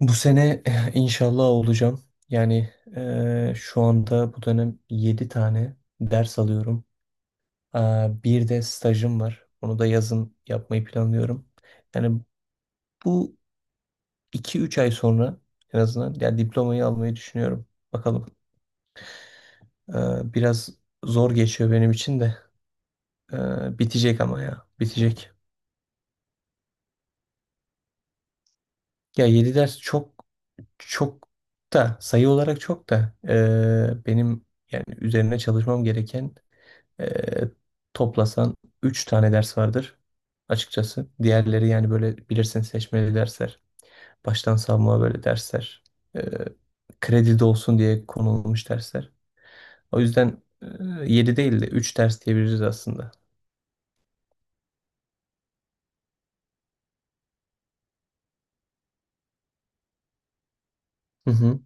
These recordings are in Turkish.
Bu sene inşallah olacağım. Şu anda bu dönem 7 tane ders alıyorum. Bir de stajım var. Onu da yazın yapmayı planlıyorum. Yani bu iki üç ay sonra en azından yani diplomayı almayı düşünüyorum. Bakalım. Biraz zor geçiyor benim için de. Bitecek ama ya. Bitecek. Ya 7 ders çok çok da sayı olarak çok da benim yani üzerine çalışmam gereken. Ee, Toplasan 3 tane ders vardır açıkçası. Diğerleri yani böyle bilirsin seçmeli dersler. Baştan savma böyle dersler. Ee, Kredi de olsun diye konulmuş dersler. O yüzden 7 değil de üç ders diyebiliriz aslında. Hı hı.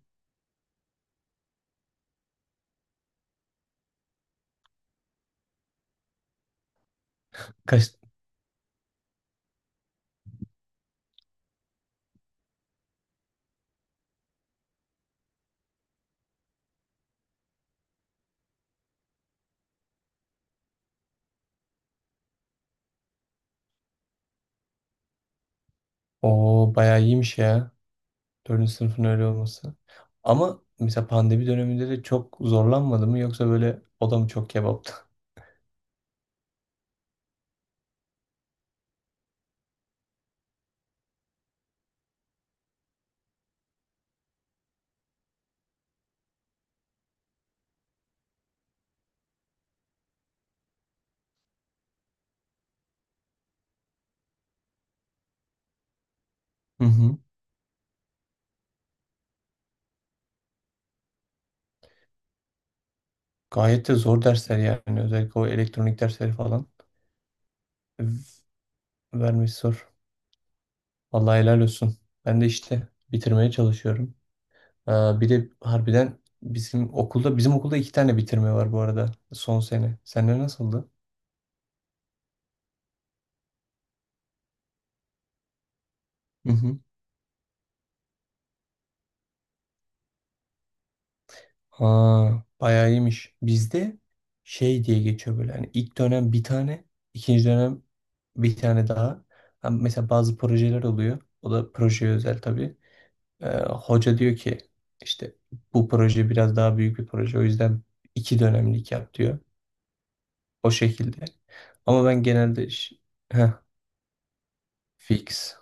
Kaç? O bayağı iyiymiş ya. Dördüncü sınıfın öyle olması. Ama mesela pandemi döneminde de çok zorlanmadı mı yoksa böyle o da mı çok kebaptı? Hı hı. Gayet de zor dersler yani. Özellikle o elektronik dersleri falan v- vermesi zor. Vallahi helal olsun. Ben de işte bitirmeye çalışıyorum. Ee, Bir de harbiden bizim okulda iki tane bitirme var bu arada son sene. Sende nasıldı? Hı hı. Aa, Bayağı iyiymiş. Bizde şey diye geçiyor böyle. Hani ilk dönem bir tane, ikinci dönem bir tane daha. Ha, mesela bazı projeler oluyor. O da projeye özel tabii. Hoca diyor ki işte bu proje biraz daha büyük bir proje. O yüzden iki dönemlik yap diyor. O şekilde. Ama ben genelde heh, fix.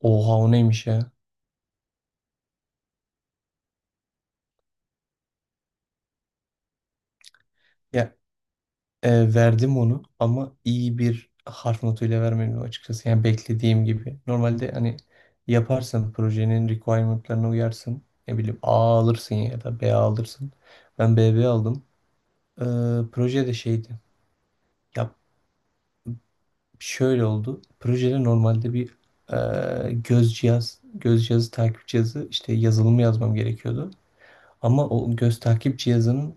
Oha o neymiş ya? Ya verdim onu ama iyi bir harf notuyla vermedim açıkçası. Yani beklediğim gibi. Normalde hani yaparsın projenin requirement'larına uyarsın. Ne bileyim A alırsın ya da B alırsın. Ben BB aldım. E, Proje de şeydi. Ya şöyle oldu. Projede normalde bir göz cihazı, takip cihazı işte yazılımı yazmam gerekiyordu. Ama o göz takip cihazının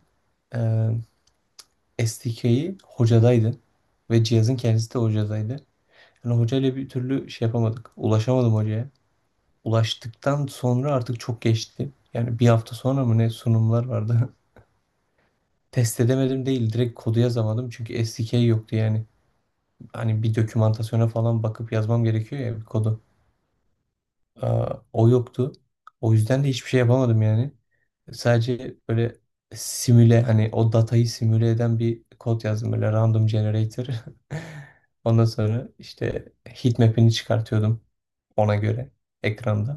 SDK'yi hocadaydı ve cihazın kendisi de hocadaydı. Yani hocayla bir türlü şey yapamadık. Ulaşamadım hocaya. Ulaştıktan sonra artık çok geçti. Yani bir hafta sonra mı ne sunumlar vardı. Test edemedim değil. Direkt kodu yazamadım. Çünkü SDK yoktu yani. Hani bir dokümantasyona falan bakıp yazmam gerekiyor ya bir kodu. O yoktu. O yüzden de hiçbir şey yapamadım yani. Sadece böyle hani o datayı simüle eden bir kod yazdım böyle random generator. Ondan sonra işte heatmap'ini çıkartıyordum ona göre ekranda.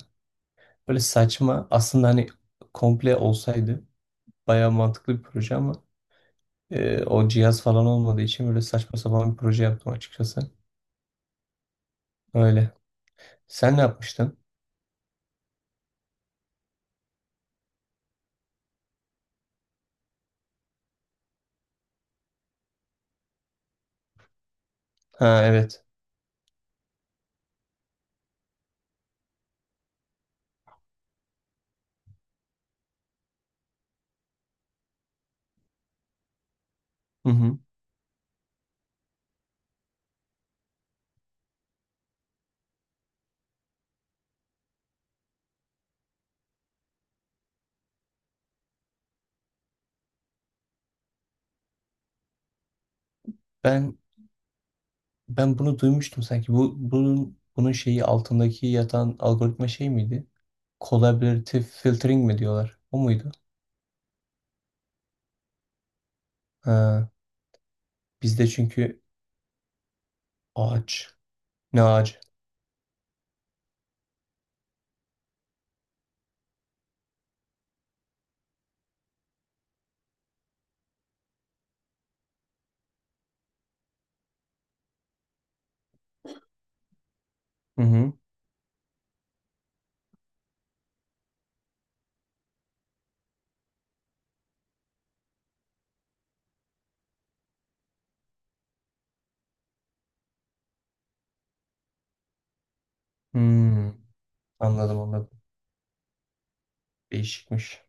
Böyle saçma aslında hani komple olsaydı bayağı mantıklı bir proje ama o cihaz falan olmadığı için böyle saçma sapan bir proje yaptım açıkçası. Öyle. Sen ne yapmıştın? Ha evet. Hı hı. Ben Ben bunu duymuştum sanki. Bu bunun bunun şeyi altındaki yatan algoritma şey miydi? Collaborative filtering mi diyorlar? O muydu? Ha, bizde çünkü ağaç. Ne ağacı? Hı hı. Hmm. Anladım, anladım. Değişikmiş.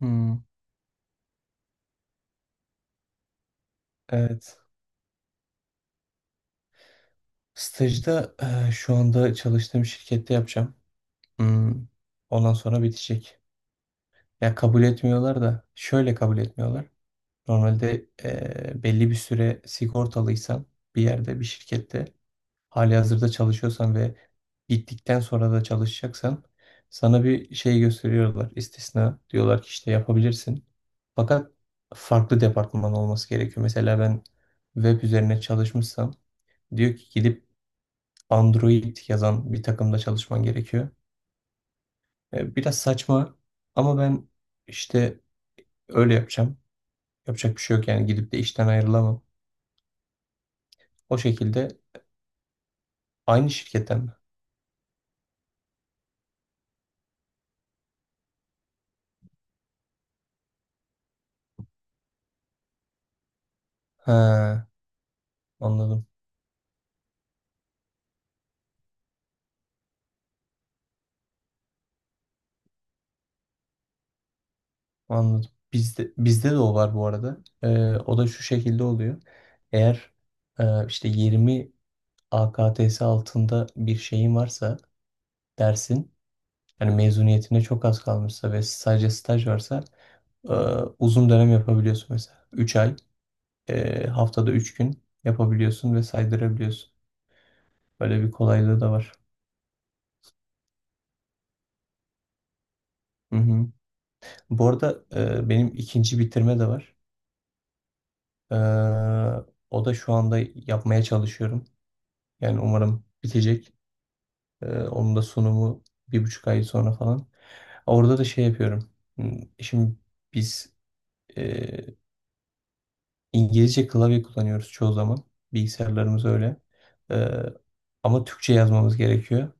Hmm. Evet. Stajda şu anda çalıştığım şirkette yapacağım. Hmm. Ondan sonra bitecek. Ya kabul etmiyorlar da şöyle kabul etmiyorlar. Normalde belli bir süre sigortalıysan bir yerde bir şirkette halihazırda çalışıyorsan ve gittikten sonra da çalışacaksan sana bir şey gösteriyorlar. İstisna diyorlar ki işte yapabilirsin. Fakat farklı departman olması gerekiyor. Mesela ben web üzerine çalışmışsam diyor ki gidip Android yazan bir takımda çalışman gerekiyor. Biraz saçma ama ben işte öyle yapacağım. Yapacak bir şey yok yani gidip de işten ayrılamam. O şekilde aynı şirketten mi? He, anladım. Anladım. Bizde de o var bu arada. O da şu şekilde oluyor. Eğer işte 20 AKTS altında bir şeyin varsa dersin, yani mezuniyetine çok az kalmışsa ve sadece staj varsa e, uzun dönem yapabiliyorsun mesela. Üç ay, haftada 3 gün yapabiliyorsun ve saydırabiliyorsun. Böyle bir kolaylığı da var. Hı hı. Bu arada benim ikinci bitirme de var. Ee, O da şu anda yapmaya çalışıyorum. Yani umarım bitecek. Onun da sunumu 1,5 ay sonra falan. Orada da şey yapıyorum. Hmm. Şimdi biz e, İngilizce klavye kullanıyoruz çoğu zaman. Bilgisayarlarımız öyle. Ee, Ama Türkçe yazmamız gerekiyor.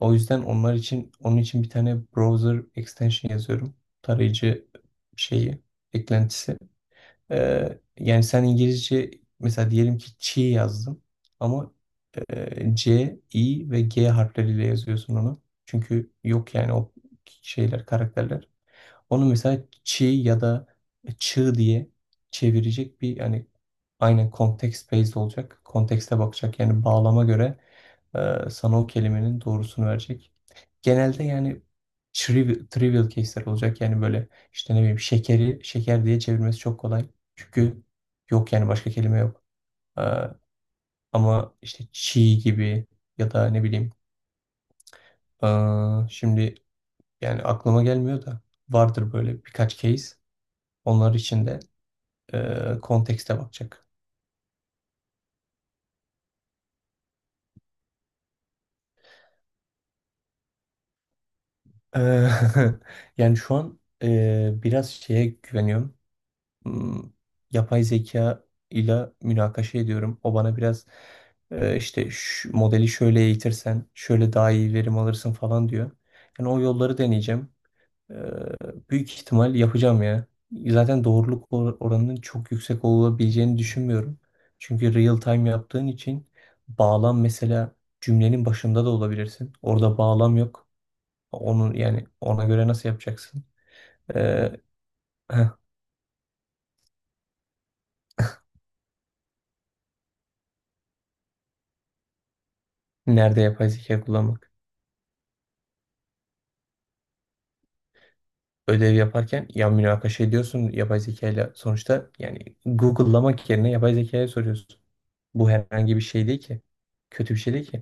O yüzden onlar için onun için bir tane browser extension yazıyorum. Tarayıcı şeyi, eklentisi. Yani sen İngilizce mesela diyelim ki çi yazdım ama C, I ve G harfleriyle yazıyorsun onu. Çünkü yok yani o şeyler, karakterler. Onu mesela çi ya da çığ diye çevirecek bir yani aynen context based olacak. Kontekste bakacak yani bağlama göre sana o kelimenin doğrusunu verecek. Genelde yani trivial case'ler olacak. Yani böyle işte ne bileyim şekeri şeker diye çevirmesi çok kolay. Çünkü yok yani başka kelime yok. E, Ama işte çiğ gibi ya da ne bileyim e, şimdi yani aklıma gelmiyor da vardır böyle birkaç case. Onlar için de kontekste bakacak. E, Yani şu an biraz şeye güveniyorum. hmm, Yapay zeka ile münakaşa ediyorum. O bana biraz işte şu modeli şöyle eğitirsen şöyle daha iyi verim alırsın falan diyor. Yani o yolları deneyeceğim. E, Büyük ihtimal yapacağım ya. Zaten doğruluk oranının çok yüksek olabileceğini düşünmüyorum. Çünkü real time yaptığın için bağlam mesela cümlenin başında da olabilirsin. Orada bağlam yok. Onun yani ona göre nasıl yapacaksın? E, heh, nerede yapay zeka kullanmak? Ödev yaparken ya münakaşa ediyorsun yapay zeka ile sonuçta yani Google'lamak yerine yapay zekaya soruyorsun. Bu herhangi bir şey değil ki. Kötü bir şey değil ki.